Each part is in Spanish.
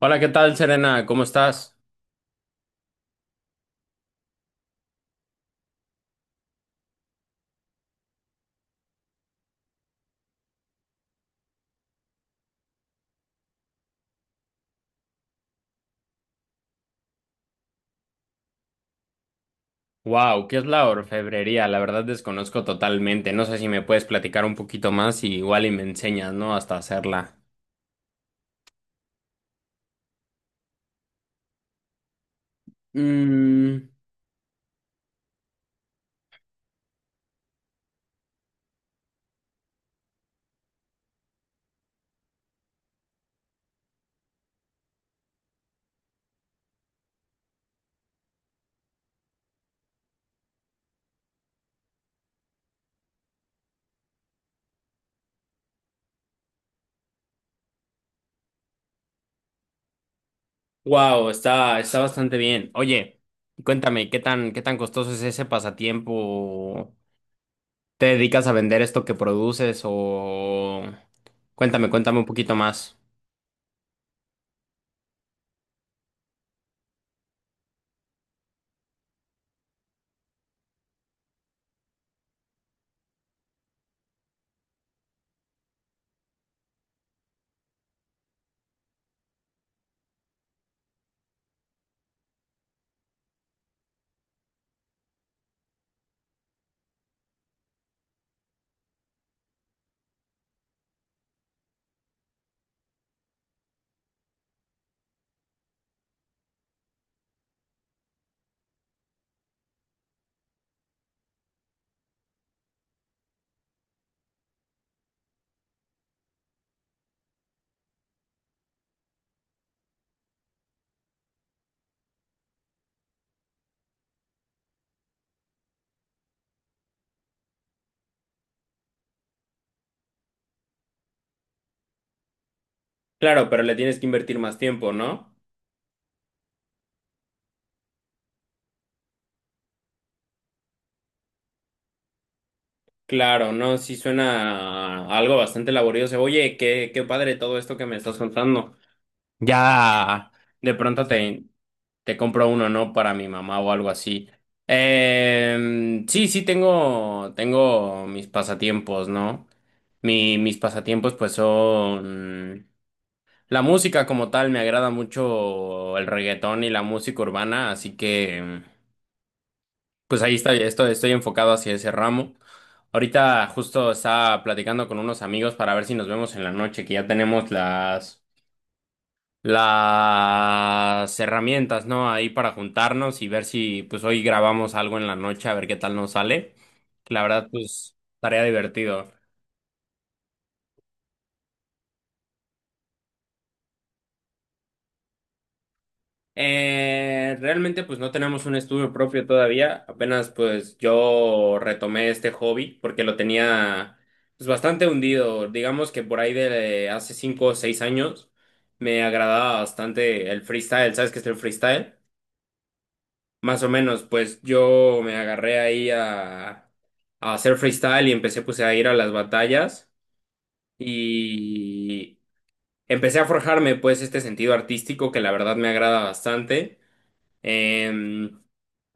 Hola, ¿qué tal, Serena? ¿Cómo estás? Wow, ¿qué es la orfebrería? La verdad desconozco totalmente. No sé si me puedes platicar un poquito más y igual y me enseñas, ¿no? Hasta hacerla. Mm, wow, está bastante bien. Oye, cuéntame, ¿qué tan costoso es ese pasatiempo? ¿Te dedicas a vender esto que produces o...? Cuéntame, cuéntame un poquito más. Claro, pero le tienes que invertir más tiempo, ¿no? Claro, no, sí suena a algo bastante laborioso. Oye, qué, qué padre todo esto que me estás contando. Ya de pronto te compro uno, ¿no? Para mi mamá o algo así. Sí, sí, tengo mis pasatiempos, ¿no? Mis pasatiempos pues son... La música como tal, me agrada mucho el reggaetón y la música urbana, así que... Pues ahí está, estoy enfocado hacia ese ramo. Ahorita justo estaba platicando con unos amigos para ver si nos vemos en la noche, que ya tenemos las herramientas, ¿no? Ahí para juntarnos y ver si pues hoy grabamos algo en la noche, a ver qué tal nos sale. La verdad, pues, tarea divertido. Realmente pues no tenemos un estudio propio todavía, apenas pues yo retomé este hobby porque lo tenía pues bastante hundido, digamos que por ahí de hace cinco o seis años me agradaba bastante el freestyle, ¿sabes qué es el freestyle? Más o menos pues yo me agarré ahí a hacer freestyle y empecé pues a ir a las batallas y empecé a forjarme pues este sentido artístico que la verdad me agrada bastante. Em,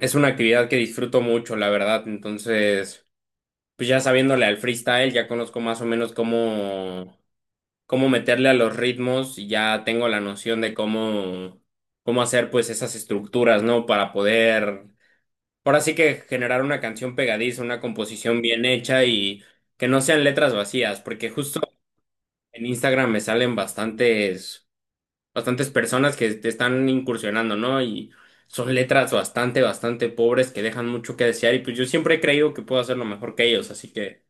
Es una actividad que disfruto mucho, la verdad. Entonces, pues ya sabiéndole al freestyle, ya conozco más o menos cómo, cómo meterle a los ritmos y ya tengo la noción de cómo, cómo hacer pues esas estructuras, ¿no? Para poder, ahora sí que generar una canción pegadiza, una composición bien hecha y que no sean letras vacías, porque justo en Instagram me salen bastantes personas que te están incursionando, ¿no? Y son letras bastante, bastante pobres que dejan mucho que desear y pues yo siempre he creído que puedo hacerlo mejor que ellos, así que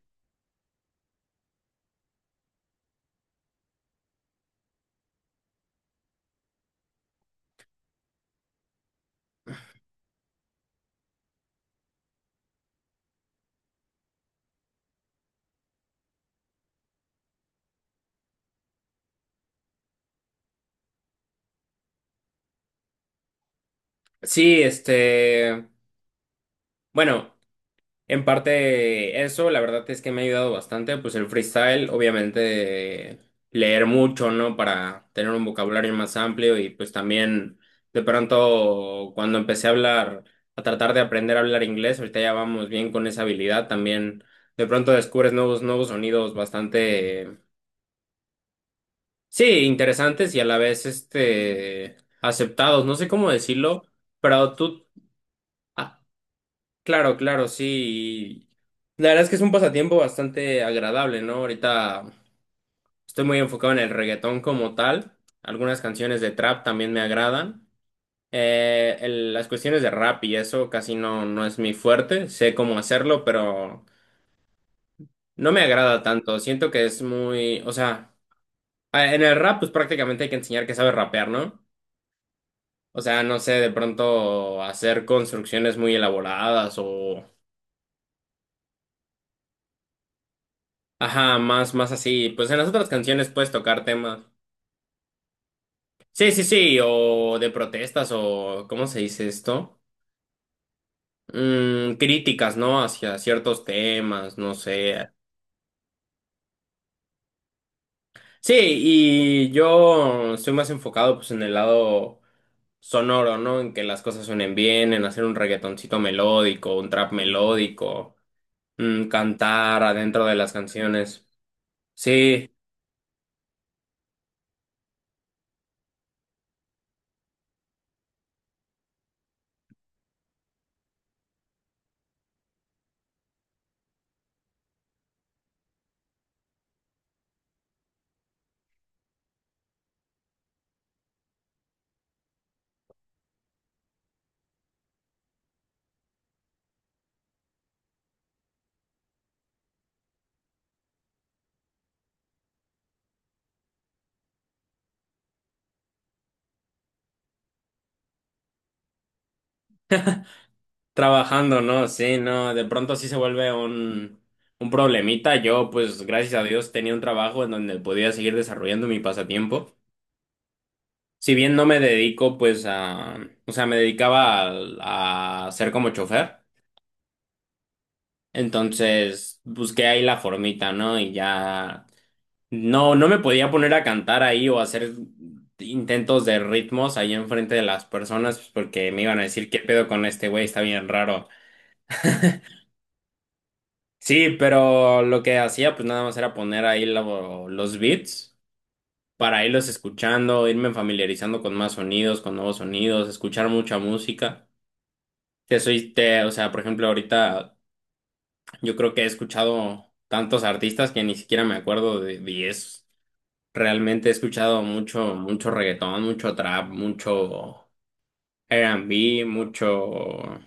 sí, este, bueno. En parte eso, la verdad es que me ha ayudado bastante, pues el freestyle, obviamente leer mucho, ¿no? Para tener un vocabulario más amplio y pues también de pronto cuando empecé a hablar, a tratar de aprender a hablar inglés, ahorita ya vamos bien con esa habilidad, también de pronto descubres nuevos, nuevos sonidos bastante, sí, interesantes y a la vez, este, aceptados, no sé cómo decirlo, pero tú... ah, claro, claro, sí. La verdad es que es un pasatiempo bastante agradable, ¿no? Ahorita estoy muy enfocado en el reggaetón como tal. Algunas canciones de trap también me agradan. Las cuestiones de rap y eso casi no, no es mi fuerte. Sé cómo hacerlo, pero no me agrada tanto. Siento que es muy, o sea, en el rap pues prácticamente hay que enseñar que sabes rapear, ¿no? O sea, no sé, de pronto hacer construcciones muy elaboradas. Ajá, más, más así. Pues en las otras canciones puedes tocar temas. Sí, sí, sí, o de protestas o ¿cómo se dice esto? Mm, críticas, ¿no? Hacia ciertos temas, no sé. Sí, y yo estoy más enfocado pues en el lado sonoro, ¿no? En que las cosas suenen bien, en hacer un reggaetoncito melódico, un trap melódico, mm, cantar adentro de las canciones. Sí. Trabajando, ¿no? Sí, no, de pronto sí se vuelve un problemita. Yo, pues, gracias a Dios, tenía un trabajo en donde podía seguir desarrollando mi pasatiempo. Si bien no me dedico, pues, a, o sea, me dedicaba a ser como chofer. Entonces, busqué ahí la formita, ¿no? Y ya, no, no me podía poner a cantar ahí o hacer intentos de ritmos ahí enfrente de las personas, pues, porque me iban a decir, ¿qué pedo con este güey? Está bien raro. Sí, pero lo que hacía pues nada más era poner ahí los beats para irlos escuchando, irme familiarizando con más sonidos, con nuevos sonidos, escuchar mucha música. O sea, por ejemplo, ahorita yo creo que he escuchado tantos artistas que ni siquiera me acuerdo de diez. Realmente he escuchado mucho, mucho reggaetón, mucho trap, mucho R&B, mucho...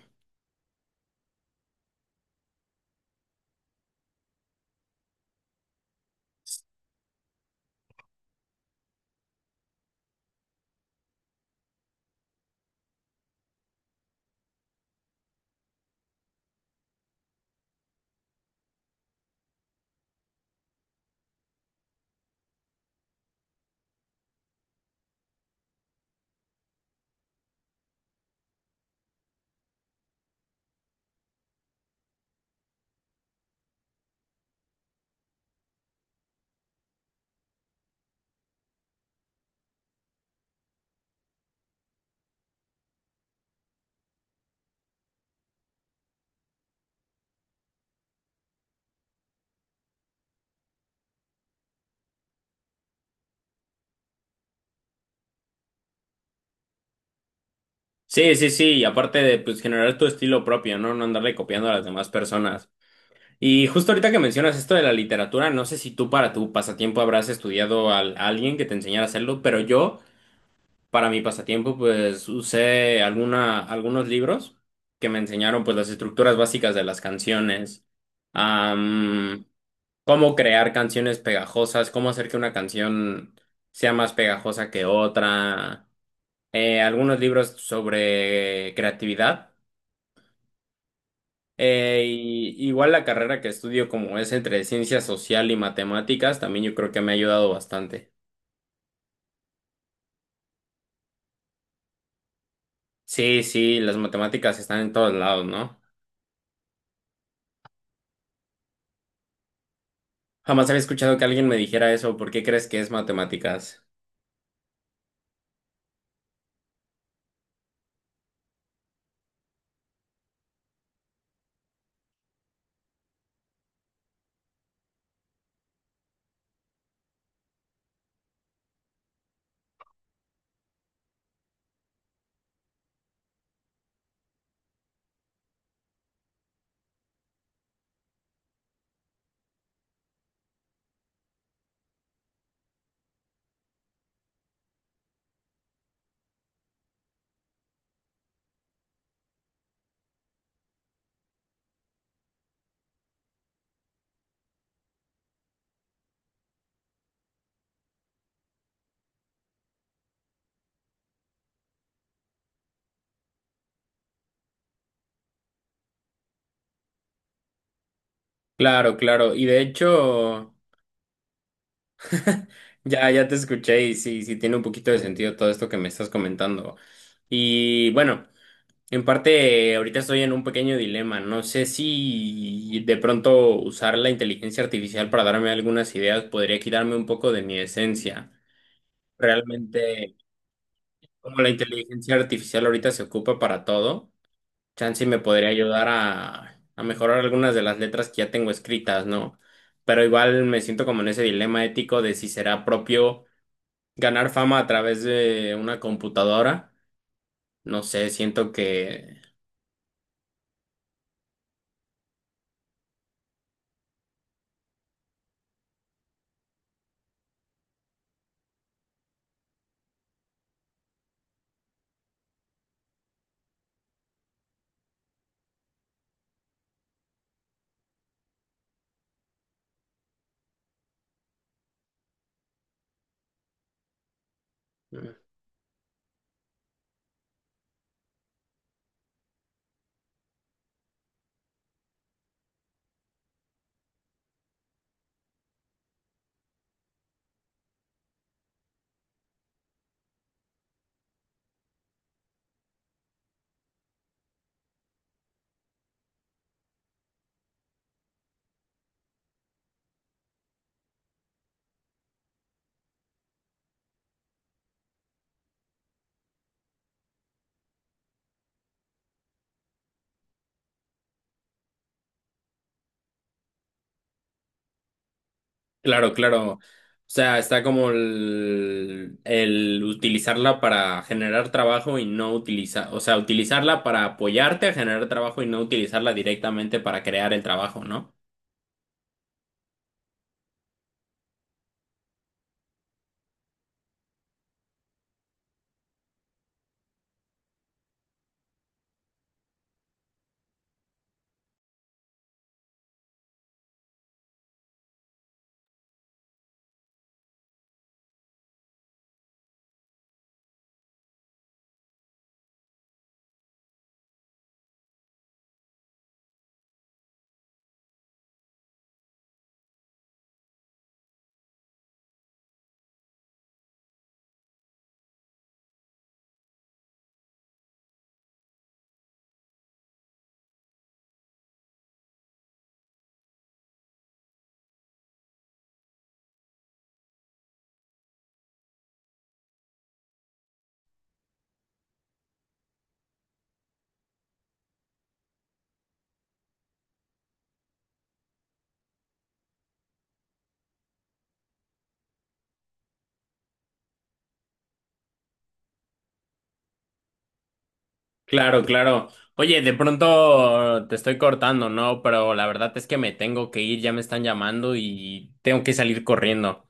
Sí, sí, sí, y aparte de pues generar tu estilo propio, ¿no? No andarle copiando a las demás personas. Y justo ahorita que mencionas esto de la literatura, no sé si tú para tu pasatiempo habrás estudiado a alguien que te enseñara a hacerlo, pero yo para mi pasatiempo pues usé algunos libros que me enseñaron pues las estructuras básicas de las canciones, am, cómo crear canciones pegajosas, cómo hacer que una canción sea más pegajosa que otra, algunos libros sobre creatividad. Igual la carrera que estudio como es entre ciencia social y matemáticas, también yo creo que me ha ayudado bastante. Sí, sí, las matemáticas están en todos lados, ¿no? Jamás había escuchado que alguien me dijera eso, ¿por qué crees que es matemáticas? Claro, claro, y de hecho, ya, ya te escuché y sí, sí tiene un poquito de sentido todo esto que me estás comentando. Y bueno. En parte, ahorita estoy en un pequeño dilema. No sé si de pronto usar la inteligencia artificial para darme algunas ideas podría quitarme un poco de mi esencia. Realmente, como la inteligencia artificial ahorita se ocupa para todo, chance me podría ayudar a mejorar algunas de las letras que ya tengo escritas, ¿no? Pero igual me siento como en ese dilema ético de si será propio ganar fama a través de una computadora. No sé, siento que... Claro, claro. O sea, está como el utilizarla para generar trabajo y no utilizar, o sea, utilizarla para apoyarte a generar trabajo y no utilizarla directamente para crear el trabajo, ¿no? Claro, claro. Oye, de pronto te estoy cortando, ¿no? Pero la verdad es que me tengo que ir, ya me están llamando y tengo que salir corriendo.